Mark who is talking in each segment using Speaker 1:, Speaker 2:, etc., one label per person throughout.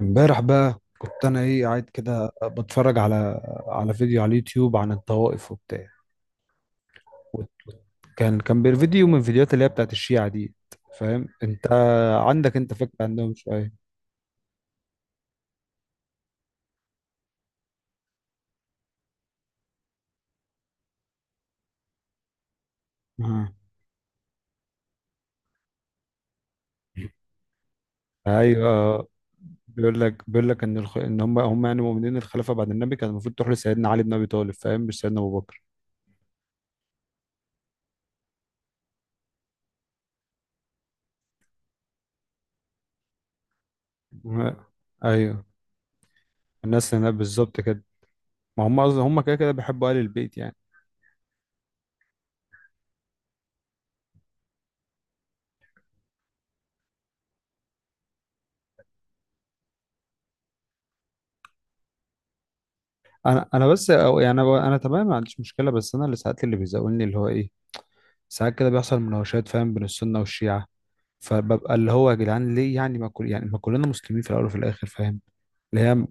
Speaker 1: امبارح بقى كنت انا ايه قاعد كده بتفرج على فيديو على اليوتيوب عن الطوائف وبتاع. فيديو من الفيديوهات اللي هي بتاعت الشيعة دي. فاهم انت؟ عندك انت فكرة عندهم شوية؟ آه. ايوه، بيقول لك ان ان هم يعني مؤمنين الخلافة بعد النبي كان المفروض تروح لسيدنا علي بن ابي طالب، فاهم؟ مش سيدنا ابو بكر. آه. ايوه، الناس هنا بالظبط كده. ما هم هم كده كده بيحبوا آل البيت يعني. انا بس أو يعني انا تمام، ما عنديش مشكله. بس انا اللي ساعات اللي بيزاولني اللي هو ايه، ساعات كده بيحصل مناوشات، فاهم؟ بين السنة والشيعة، فببقى اللي هو يا جدعان ليه يعني؟ ما كل ما كلنا مسلمين في الأول وفي الآخر، فاهم؟ اللي هي م-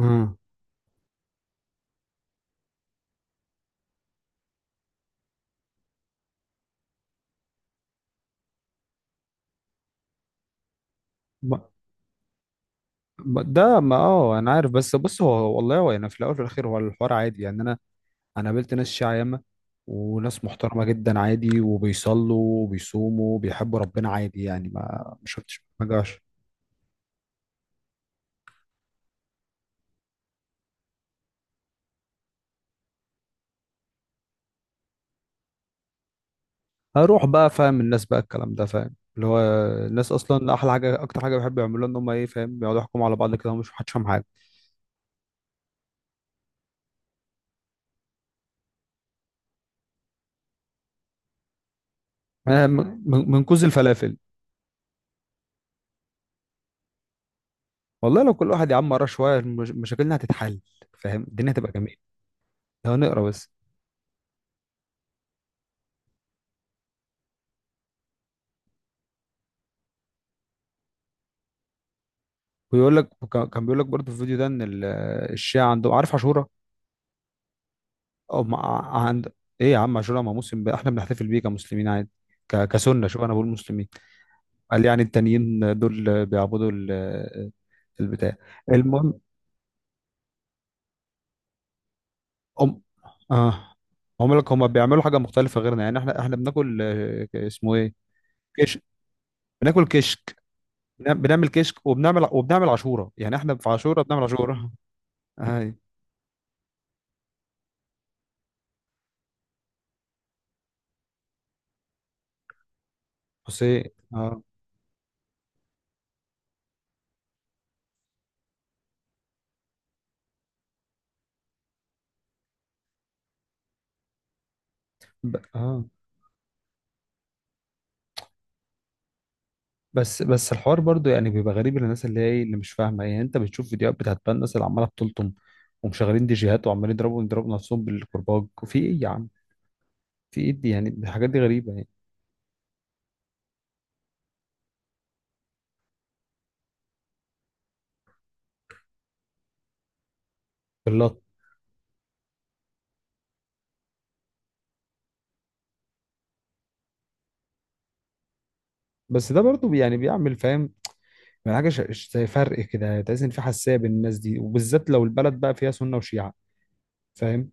Speaker 1: امم ده ما اه أنا عارف. بس بص، هو والله هو يعني في الأول وفي الآخر هو الحوار عادي. يعني أنا قابلت ناس شيعة ياما، وناس محترمة جدا عادي، وبيصلوا وبيصوموا وبيحبوا ربنا عادي. يعني ما ما شفتش ما جاش. هروح بقى فاهم الناس بقى الكلام ده، فاهم اللي هو الناس اصلا احلى حاجه اكتر حاجه بيحبوا يعملوها ان هم ايه، فاهم؟ بيقعدوا يحكموا على بعض كده ومش محدش فاهم حاجه. آه، من كوز الفلافل. والله لو كل واحد يا عم قرا شويه مشاكلنا هتتحل، فاهم؟ الدنيا هتبقى جميله لو نقرا بس. ويقول لك كان بيقول لك برضه في الفيديو ده ان الشيعه عندهم، عارف عاشوراء؟ او عند، ايه يا عم عاشوراء؟ ما مسلم بقى، احنا بنحتفل بيه كمسلمين عادي. كسنه، شوف انا بقول مسلمين. قال يعني التانيين دول بيعبدوا البتاع. المهم، أم، اه، هم لك هم بيعملوا حاجه مختلفه غيرنا. يعني احنا بناكل آه، اسمه ايه، كش، بناكل كش. بنعمل كشك، وبنعمل عاشورة. يعني احنا في عاشورة بنعمل عاشورة. هاي حسين. اه. اه. بس بس الحوار برضو يعني بيبقى غريب للناس اللي هي إيه، اللي مش فاهمة. يعني انت بتشوف فيديوهات بتاعت بقى الناس اللي عمالة بتلطم ومشغلين دي جيهات وعمالين يضربوا نفسهم بالكرباج، وفي ايه يا عم؟ في ايه دي يعني؟ الحاجات دي غريبة يعني. باللط، بس ده برضو يعني بيعمل، فاهم؟ يعني حاجة زي فرق كده، تحس ان في حساسية بين الناس دي، وبالذات لو البلد بقى فيها سنة وشيعة، فاهم؟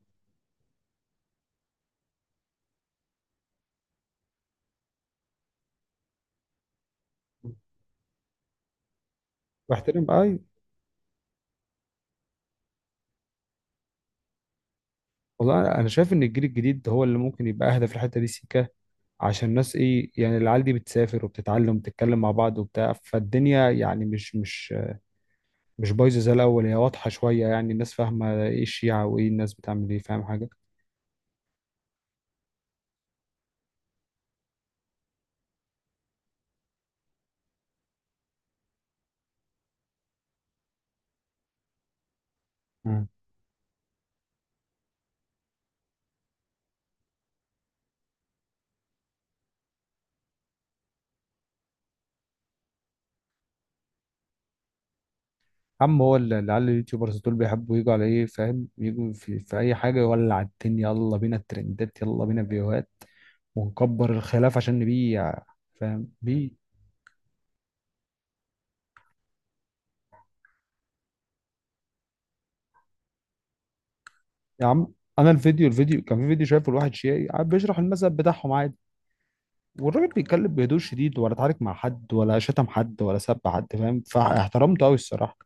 Speaker 1: واحترم، ايوه. والله انا شايف ان الجيل الجديد هو اللي ممكن يبقى اهدى في الحته دي سيكا. عشان الناس ايه يعني، العيال دي بتسافر وبتتعلم وبتتكلم مع بعض وبتاع، فالدنيا يعني مش بايظه زي الاول، هي واضحه شويه. يعني الناس فاهمه ايه الشيعه وايه الناس بتعمل ايه، فاهم حاجه؟ مم. عم هو العيال اليوتيوبرز دول بيحبوا يجوا على ايه، فاهم؟ يجوا في, في اي حاجه يولع الدنيا، يلا بينا الترندات، يلا بينا فيوهات، ونكبر الخلاف عشان نبيع، فاهم؟ بيع. يا عم انا الفيديو كان في فيديو شايفه لواحد شيعي قاعد بيشرح المذهب بتاعهم عادي، والراجل بيتكلم بهدوء شديد، ولا اتعارك مع حد، ولا شتم حد، ولا سب حد، فاهم؟ فاحترمته قوي الصراحه.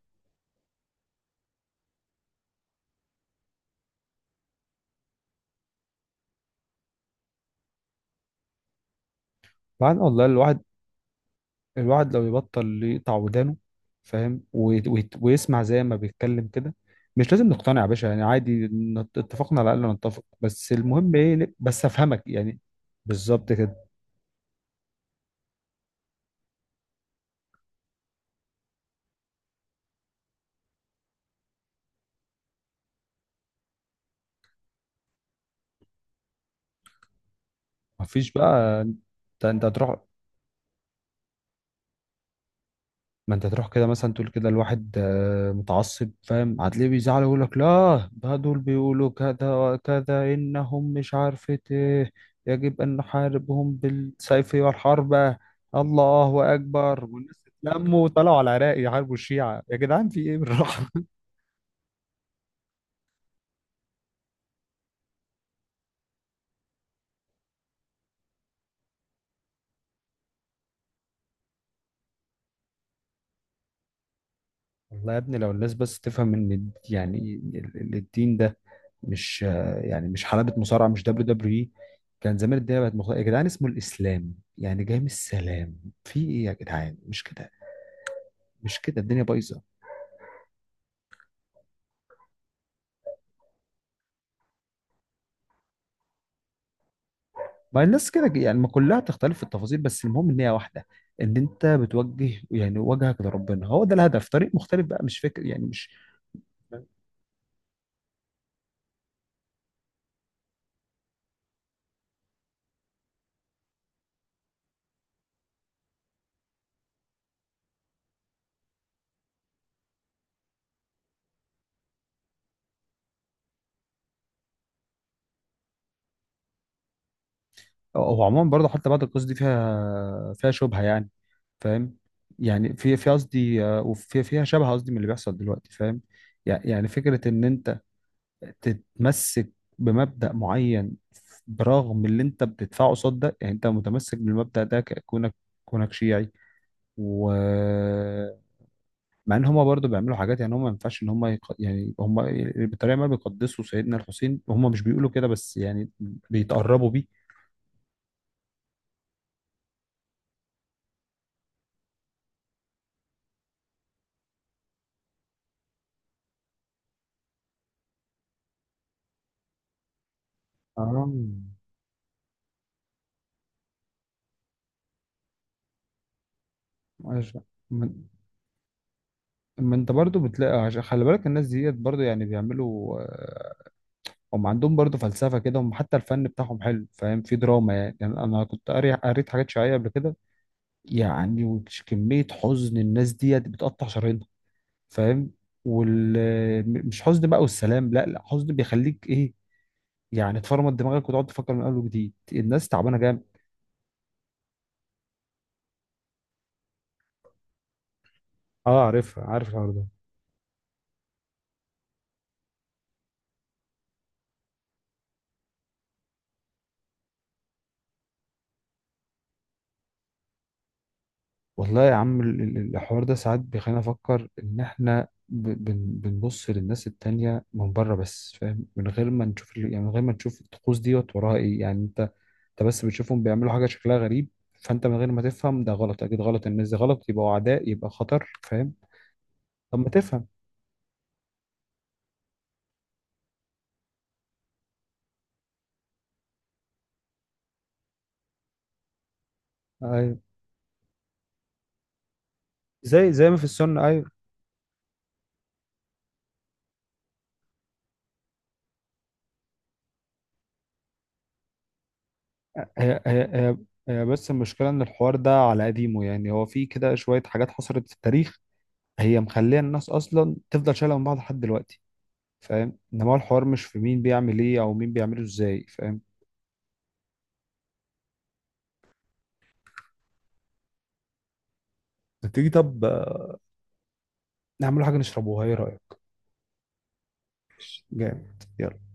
Speaker 1: بعدين والله الواحد لو يبطل يقطع ودانه، فاهم؟ ويسمع زي ما بيتكلم كده. مش لازم نقتنع يا باشا، يعني عادي، اتفقنا على الاقل نتفق، بس المهم ايه، بس افهمك يعني. بالظبط كده. مفيش بقى، انت هتروح، ما انت تروح كده مثلا تقول كده الواحد متعصب، فاهم؟ هتلاقيه بيزعل ويقول لك لا، ده دول بيقولوا كذا وكذا انهم مش عارفة ايه، يجب ان نحاربهم بالسيف والحرب، الله اكبر، والناس اتلموا وطلعوا على العراق يحاربوا الشيعة. يا جدعان في ايه؟ بالراحة. والله يا ابني لو الناس بس تفهم ان يعني الدين ده مش، يعني مش حلبة مصارعة، مش دبليو دبليو اي كان زمان. الدنيا بقت مختلفة يا جدعان. اسمه الإسلام يعني جاي من السلام. في إيه يا جدعان، مش كده؟ مش كده الدنيا بايظة. ما الناس كده يعني، ما كلها تختلف في التفاصيل، بس المهم إن هي واحدة، إن أنت بتوجه يعني وجهك لربنا، هو ده الهدف. طريق مختلف بقى، مش فكر يعني مش. هو عموما برضه حتى بعد القصة دي فيها شبهة يعني، فاهم؟ يعني في في قصدي آه، فيها شبهة قصدي من اللي بيحصل دلوقتي، فاهم؟ يعني يعني فكرة إن أنت تتمسك بمبدأ معين برغم اللي انت بتدفعه قصاد ده، يعني انت متمسك بالمبدأ ده، كونك كونك شيعي، ومع ان هما برضو بيعملوا حاجات. يعني هما ما ينفعش ان هما يعني هما بالطريقه ما بيقدسوا سيدنا الحسين، هما مش بيقولوا كده بس، يعني بيتقربوا بيه. اه عشان ما، ما انت برضو بتلاقي، عشان خلي بالك الناس ديت برضو يعني بيعملوا. هم عندهم برضه فلسفة كده، هم حتى الفن بتاعهم حلو، فاهم؟ في دراما يعني, يعني أنا كنت قاري قريت حاجات شيعية قبل كده. يعني كمية حزن الناس ديت بتقطع شرايينها، فاهم؟ وال مش حزن بقى والسلام، لا لا، حزن بيخليك إيه، يعني تفرمط دماغك وتقعد تفكر من أول وجديد. الناس تعبانة جامد. اه عارفها، عارف الحوار ده. والله يا عم الحوار ده ساعات بيخلينا نفكر إن إحنا بنبص للناس التانية من بره بس، فاهم؟ من غير ما نشوف يعني من غير ما نشوف الطقوس ديت وراها إيه يعني. انت بس بتشوفهم بيعملوا حاجه شكلها غريب، فانت من غير ما تفهم ده غلط، اكيد غلط، الناس دي غلط، يبقوا اعداء، يبقى خطر، فاهم؟ طب ما تفهم. ايوه، زي ما في السنه، ايوه. هي هي هي هي بس المشكله ان الحوار ده على قديمه، يعني هو في كده شويه حاجات حصلت في التاريخ هي مخليه الناس اصلا تفضل شايله من بعض لحد دلوقتي، فاهم؟ انما هو الحوار مش في مين بيعمل ايه او مين بيعمله ازاي، فاهم؟ ما تيجي طب آه، نعمل حاجه نشربوها، ايه رايك؟ جامد، يلا.